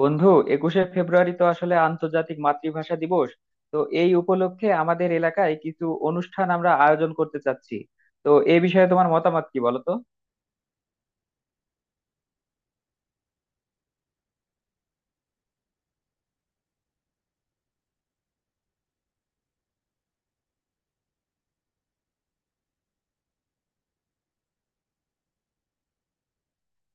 বন্ধু, একুশে ফেব্রুয়ারি তো আসলে আন্তর্জাতিক মাতৃভাষা দিবস। তো এই উপলক্ষে আমাদের এলাকায় কিছু অনুষ্ঠান আমরা আয়োজন করতে চাচ্ছি। তো এই বিষয়ে তোমার মতামত কি, বলো তো?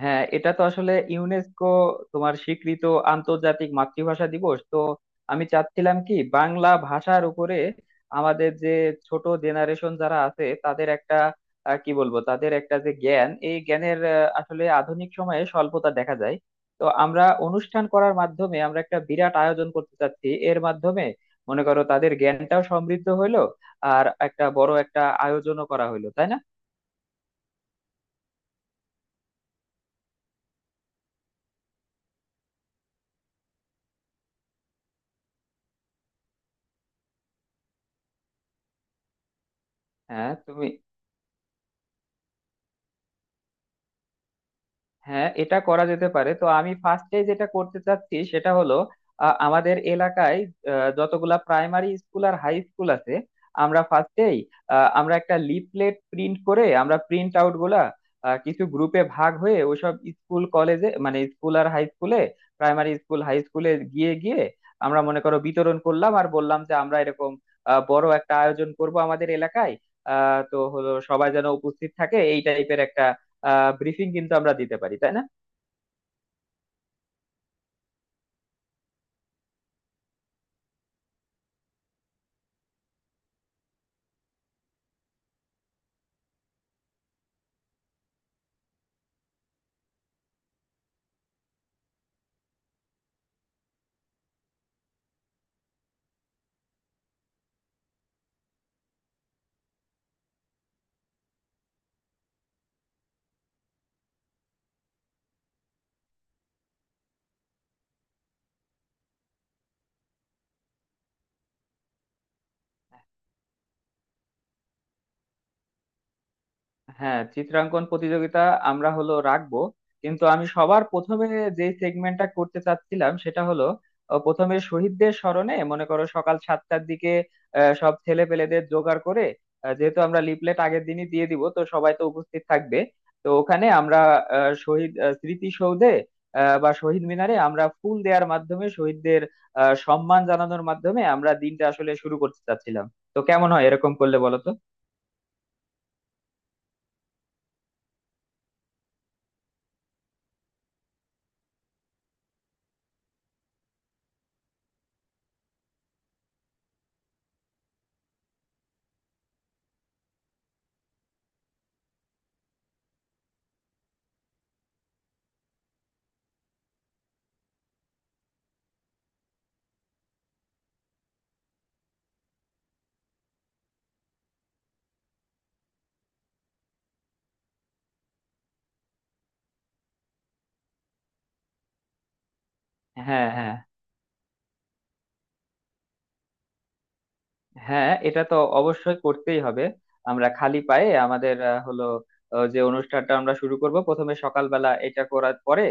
হ্যাঁ, এটা তো আসলে ইউনেস্কো তোমার স্বীকৃত আন্তর্জাতিক মাতৃভাষা দিবস তো। আমি চাচ্ছিলাম কি, বাংলা ভাষার উপরে আমাদের যে ছোট জেনারেশন যারা আছে তাদের একটা কি বলবো, তাদের একটা যে জ্ঞান, এই জ্ঞানের আসলে আধুনিক সময়ে স্বল্পতা দেখা যায়। তো আমরা অনুষ্ঠান করার মাধ্যমে আমরা একটা বিরাট আয়োজন করতে চাচ্ছি, এর মাধ্যমে মনে করো তাদের জ্ঞানটাও সমৃদ্ধ হইলো আর একটা বড় একটা আয়োজনও করা হইলো, তাই না? হ্যাঁ তুমি। হ্যাঁ, এটা করা যেতে পারে। তো আমি ফার্স্টে যেটা করতে চাচ্ছি সেটা হলো, আমাদের এলাকায় যতগুলা প্রাইমারি স্কুল আর হাই স্কুল আছে, আমরা ফার্স্টেই আমরা একটা লিফলেট প্রিন্ট করে আমরা প্রিন্ট আউট গুলা কিছু গ্রুপে ভাগ হয়ে ওইসব স্কুল কলেজে, মানে স্কুল আর হাই স্কুলে, প্রাইমারি স্কুল হাই স্কুলে গিয়ে গিয়ে আমরা মনে করো বিতরণ করলাম আর বললাম যে আমরা এরকম বড় একটা আয়োজন করব আমাদের এলাকায়। তো হলো, সবাই যেন উপস্থিত থাকে, এই টাইপের একটা ব্রিফিং কিন্তু আমরা দিতে পারি, তাই না? হ্যাঁ, চিত্রাঙ্কন প্রতিযোগিতা আমরা হলো রাখবো, কিন্তু আমি সবার প্রথমে যে সেগমেন্টটা করতে চাচ্ছিলাম সেটা হলো, প্রথমে শহীদদের স্মরণে, মনে করো সকাল সাতটার দিকে সব ছেলে পেলেদের জোগাড় করে, যেহেতু আমরা লিফলেট আগের দিনই দিয়ে দিব তো সবাই তো উপস্থিত থাকবে, তো ওখানে আমরা শহীদ স্মৃতিসৌধে বা শহীদ মিনারে আমরা ফুল দেওয়ার মাধ্যমে শহীদদের সম্মান জানানোর মাধ্যমে আমরা দিনটা আসলে শুরু করতে চাচ্ছিলাম। তো কেমন হয় এরকম করলে, বলো তো? হ্যাঁ, হ্যাঁ, হ্যাঁ, এটা তো অবশ্যই করতেই হবে। আমরা খালি পায়ে আমাদের হলো যে অনুষ্ঠানটা আমরা শুরু করব প্রথমে সকালবেলা, এটা করার পরে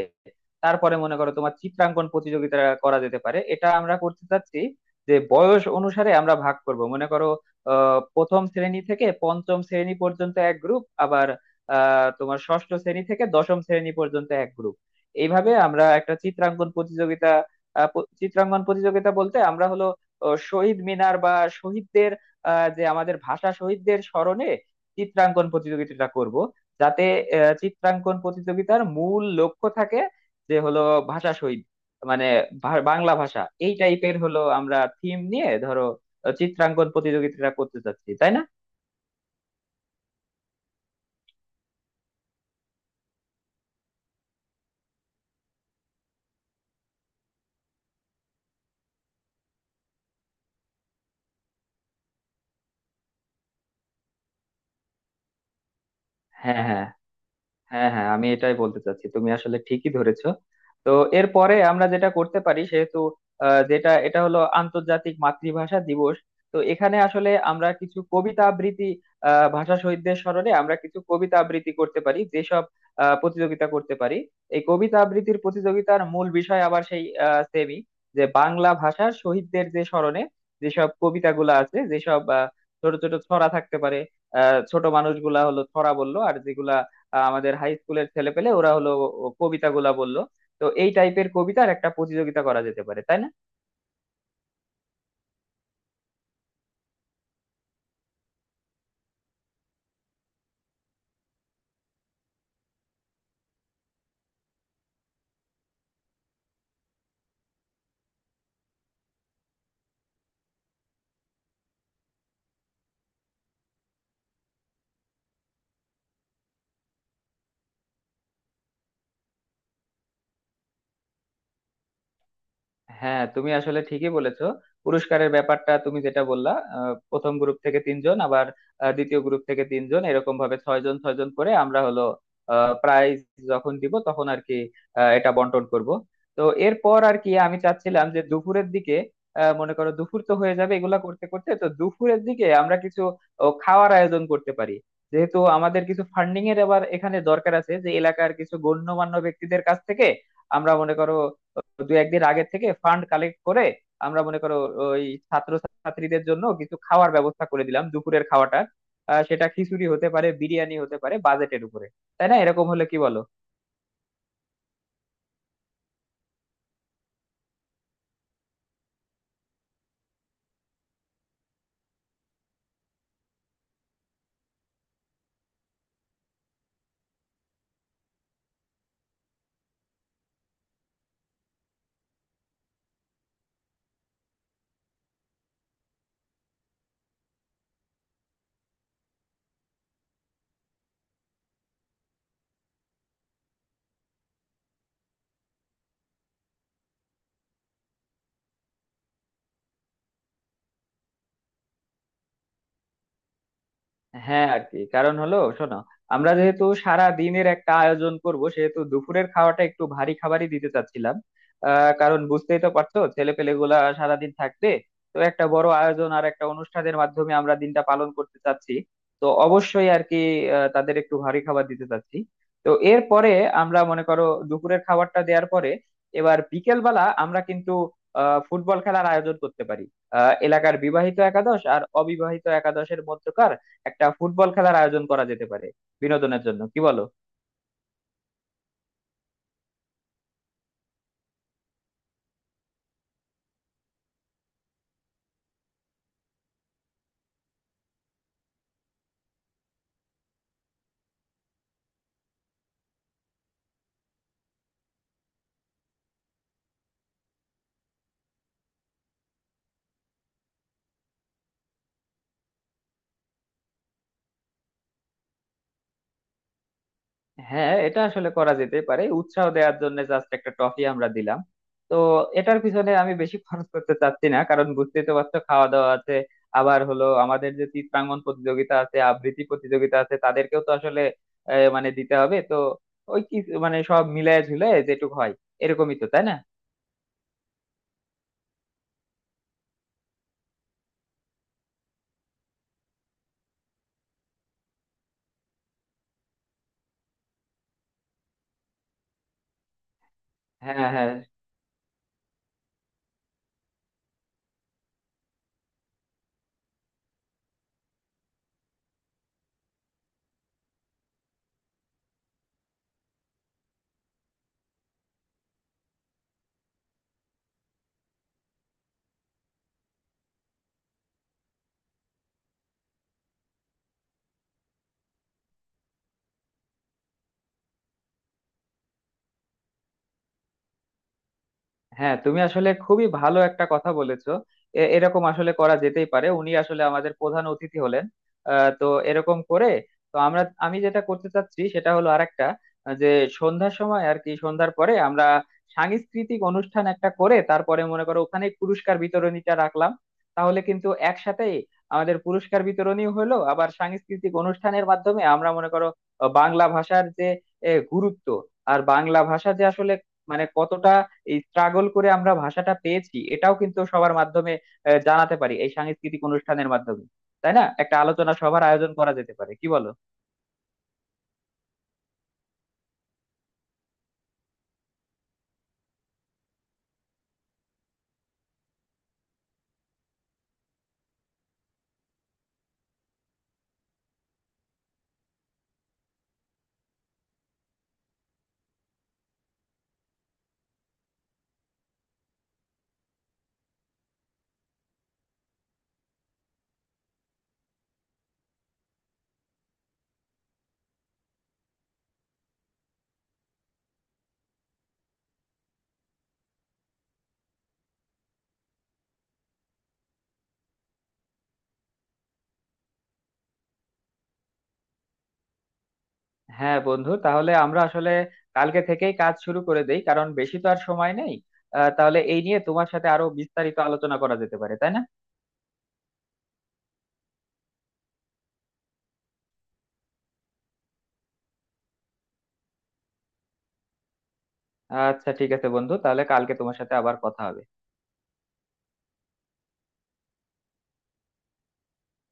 তারপরে মনে করো তোমার চিত্রাঙ্কন প্রতিযোগিতা করা যেতে পারে, এটা আমরা করতে চাচ্ছি। যে বয়স অনুসারে আমরা ভাগ করব মনে করো, প্রথম শ্রেণী থেকে পঞ্চম শ্রেণী পর্যন্ত এক গ্রুপ, আবার তোমার ষষ্ঠ শ্রেণী থেকে দশম শ্রেণী পর্যন্ত এক গ্রুপ। এইভাবে আমরা একটা চিত্রাঙ্কন প্রতিযোগিতা চিত্রাঙ্কন প্রতিযোগিতা বলতে আমরা হলো ও শহীদ মিনার বা শহীদদের যে আমাদের ভাষা শহীদদের স্মরণে চিত্রাঙ্কন প্রতিযোগিতাটা করব, যাতে চিত্রাঙ্কন প্রতিযোগিতার মূল লক্ষ্য থাকে যে হলো ভাষা শহীদ, মানে বাংলা ভাষা, এই টাইপের হলো আমরা থিম নিয়ে ধরো চিত্রাঙ্কন প্রতিযোগিতাটা করতে চাচ্ছি, তাই না? হ্যাঁ, হ্যাঁ, হ্যাঁ, হ্যাঁ, আমি এটাই বলতে চাচ্ছি, তুমি আসলে ঠিকই ধরেছো। তো এরপরে আমরা যেটা করতে পারি, সেহেতু যেটা এটা হলো আন্তর্জাতিক মাতৃভাষা দিবস, তো এখানে আসলে আমরা কিছু কবিতা আবৃত্তি, ভাষা শহীদদের স্মরণে আমরা কিছু কবিতা আবৃত্তি করতে পারি, যেসব প্রতিযোগিতা করতে পারি। এই কবিতা আবৃত্তির প্রতিযোগিতার মূল বিষয় আবার সেই, সেমি, যে বাংলা ভাষার শহীদদের যে স্মরণে যেসব কবিতাগুলো আছে, যেসব ছোট ছোট ছড়া থাকতে পারে, ছোট মানুষগুলা হলো ছড়া বললো, আর যেগুলা আমাদের হাই স্কুলের ছেলে পেলে, ওরা হলো কবিতাগুলা বললো। তো এই টাইপের কবিতার একটা প্রতিযোগিতা করা যেতে পারে, তাই না? হ্যাঁ, তুমি আসলে ঠিকই বলেছো। পুরস্কারের ব্যাপারটা তুমি যেটা বললা, প্রথম গ্রুপ থেকে তিনজন, আবার দ্বিতীয় গ্রুপ থেকে তিনজন, এরকম ভাবে ছয়জন ছয়জন করে আমরা হলো প্রাইজ যখন দিব তখন আর কি এটা বন্টন করব। তো এরপর আর কি, আমি চাচ্ছিলাম যে দুপুরের দিকে মনে করো দুপুর তো হয়ে যাবে এগুলা করতে করতে, তো দুপুরের দিকে আমরা কিছু খাওয়ার আয়োজন করতে পারি। যেহেতু আমাদের কিছু ফান্ডিং এর আবার এখানে দরকার আছে, যে এলাকার কিছু গণ্যমান্য ব্যক্তিদের কাছ থেকে আমরা মনে করো দু একদিন আগে থেকে ফান্ড কালেক্ট করে আমরা মনে করো ওই ছাত্র ছাত্রীদের জন্য কিছু খাওয়ার ব্যবস্থা করে দিলাম দুপুরের খাওয়াটা। সেটা খিচুড়ি হতে পারে, বিরিয়ানি হতে পারে, বাজেটের উপরে, তাই না? এরকম হলে কি বলো? হ্যাঁ, আর কি, কারণ হলো শোনো, আমরা যেহেতু সারা দিনের একটা আয়োজন করব, সেহেতু দুপুরের খাওয়াটা একটু ভারী খাবারই দিতে চাচ্ছিলাম। কারণ বুঝতেই তো পারছো ছেলে পেলে গুলা সারাদিন থাকবে, তো একটা বড় আয়োজন আর একটা অনুষ্ঠানের মাধ্যমে আমরা দিনটা পালন করতে চাচ্ছি, তো অবশ্যই আর কি তাদের একটু ভারী খাবার দিতে চাচ্ছি। তো এরপরে আমরা মনে করো দুপুরের খাবারটা দেওয়ার পরে এবার বিকেল বেলা আমরা কিন্তু ফুটবল খেলার আয়োজন করতে পারি। এলাকার বিবাহিত একাদশ আর অবিবাহিত একাদশের মধ্যকার একটা ফুটবল খেলার আয়োজন করা যেতে পারে বিনোদনের জন্য, কি বলো? হ্যাঁ, এটা আসলে করা যেতে পারে, উৎসাহ দেওয়ার জন্য জাস্ট একটা ট্রফি আমরা দিলাম। তো এটার পিছনে আমি বেশি খরচ করতে চাচ্ছি না, কারণ বুঝতেই তো পারছো খাওয়া দাওয়া আছে, আবার হলো আমাদের যে চিত্রাঙ্গন প্রতিযোগিতা আছে, আবৃত্তি প্রতিযোগিতা আছে, তাদেরকেও তো আসলে মানে দিতে হবে তো, ওই কি, মানে সব মিলায় ঝুলে যেটুকু হয় এরকমই তো, তাই না? হ্যাঁ, হ্যাঁ, হ্যাঁ, তুমি আসলে খুবই ভালো একটা কথা বলেছো। এরকম আসলে করা যেতেই পারে, উনি আসলে আমাদের প্রধান অতিথি হলেন। তো এরকম করে, তো আমরা, আমি যেটা করতে চাচ্ছি সেটা হলো আরেকটা যে সন্ধ্যার সময় আর কি, সন্ধ্যার পরে আমরা সাংস্কৃতিক অনুষ্ঠান একটা করে তারপরে মনে করো ওখানে পুরস্কার বিতরণীটা রাখলাম, তাহলে কিন্তু একসাথেই আমাদের পুরস্কার বিতরণীও হলো, আবার সাংস্কৃতিক অনুষ্ঠানের মাধ্যমে আমরা মনে করো বাংলা ভাষার যে গুরুত্ব, আর বাংলা ভাষা যে আসলে মানে কতটা এই স্ট্রাগল করে আমরা ভাষাটা পেয়েছি, এটাও কিন্তু সবার মাধ্যমে জানাতে পারি এই সাংস্কৃতিক অনুষ্ঠানের মাধ্যমে, তাই না? একটা আলোচনা সভার আয়োজন করা যেতে পারে, কি বলো? হ্যাঁ বন্ধু, তাহলে আমরা আসলে কালকে থেকেই কাজ শুরু করে দেই, কারণ বেশি তো আর সময় নেই। তাহলে এই নিয়ে তোমার সাথে আরো বিস্তারিত আলোচনা করা যেতে পারে, তাই না? আচ্ছা, ঠিক আছে বন্ধু, তাহলে কালকে তোমার সাথে আবার কথা হবে।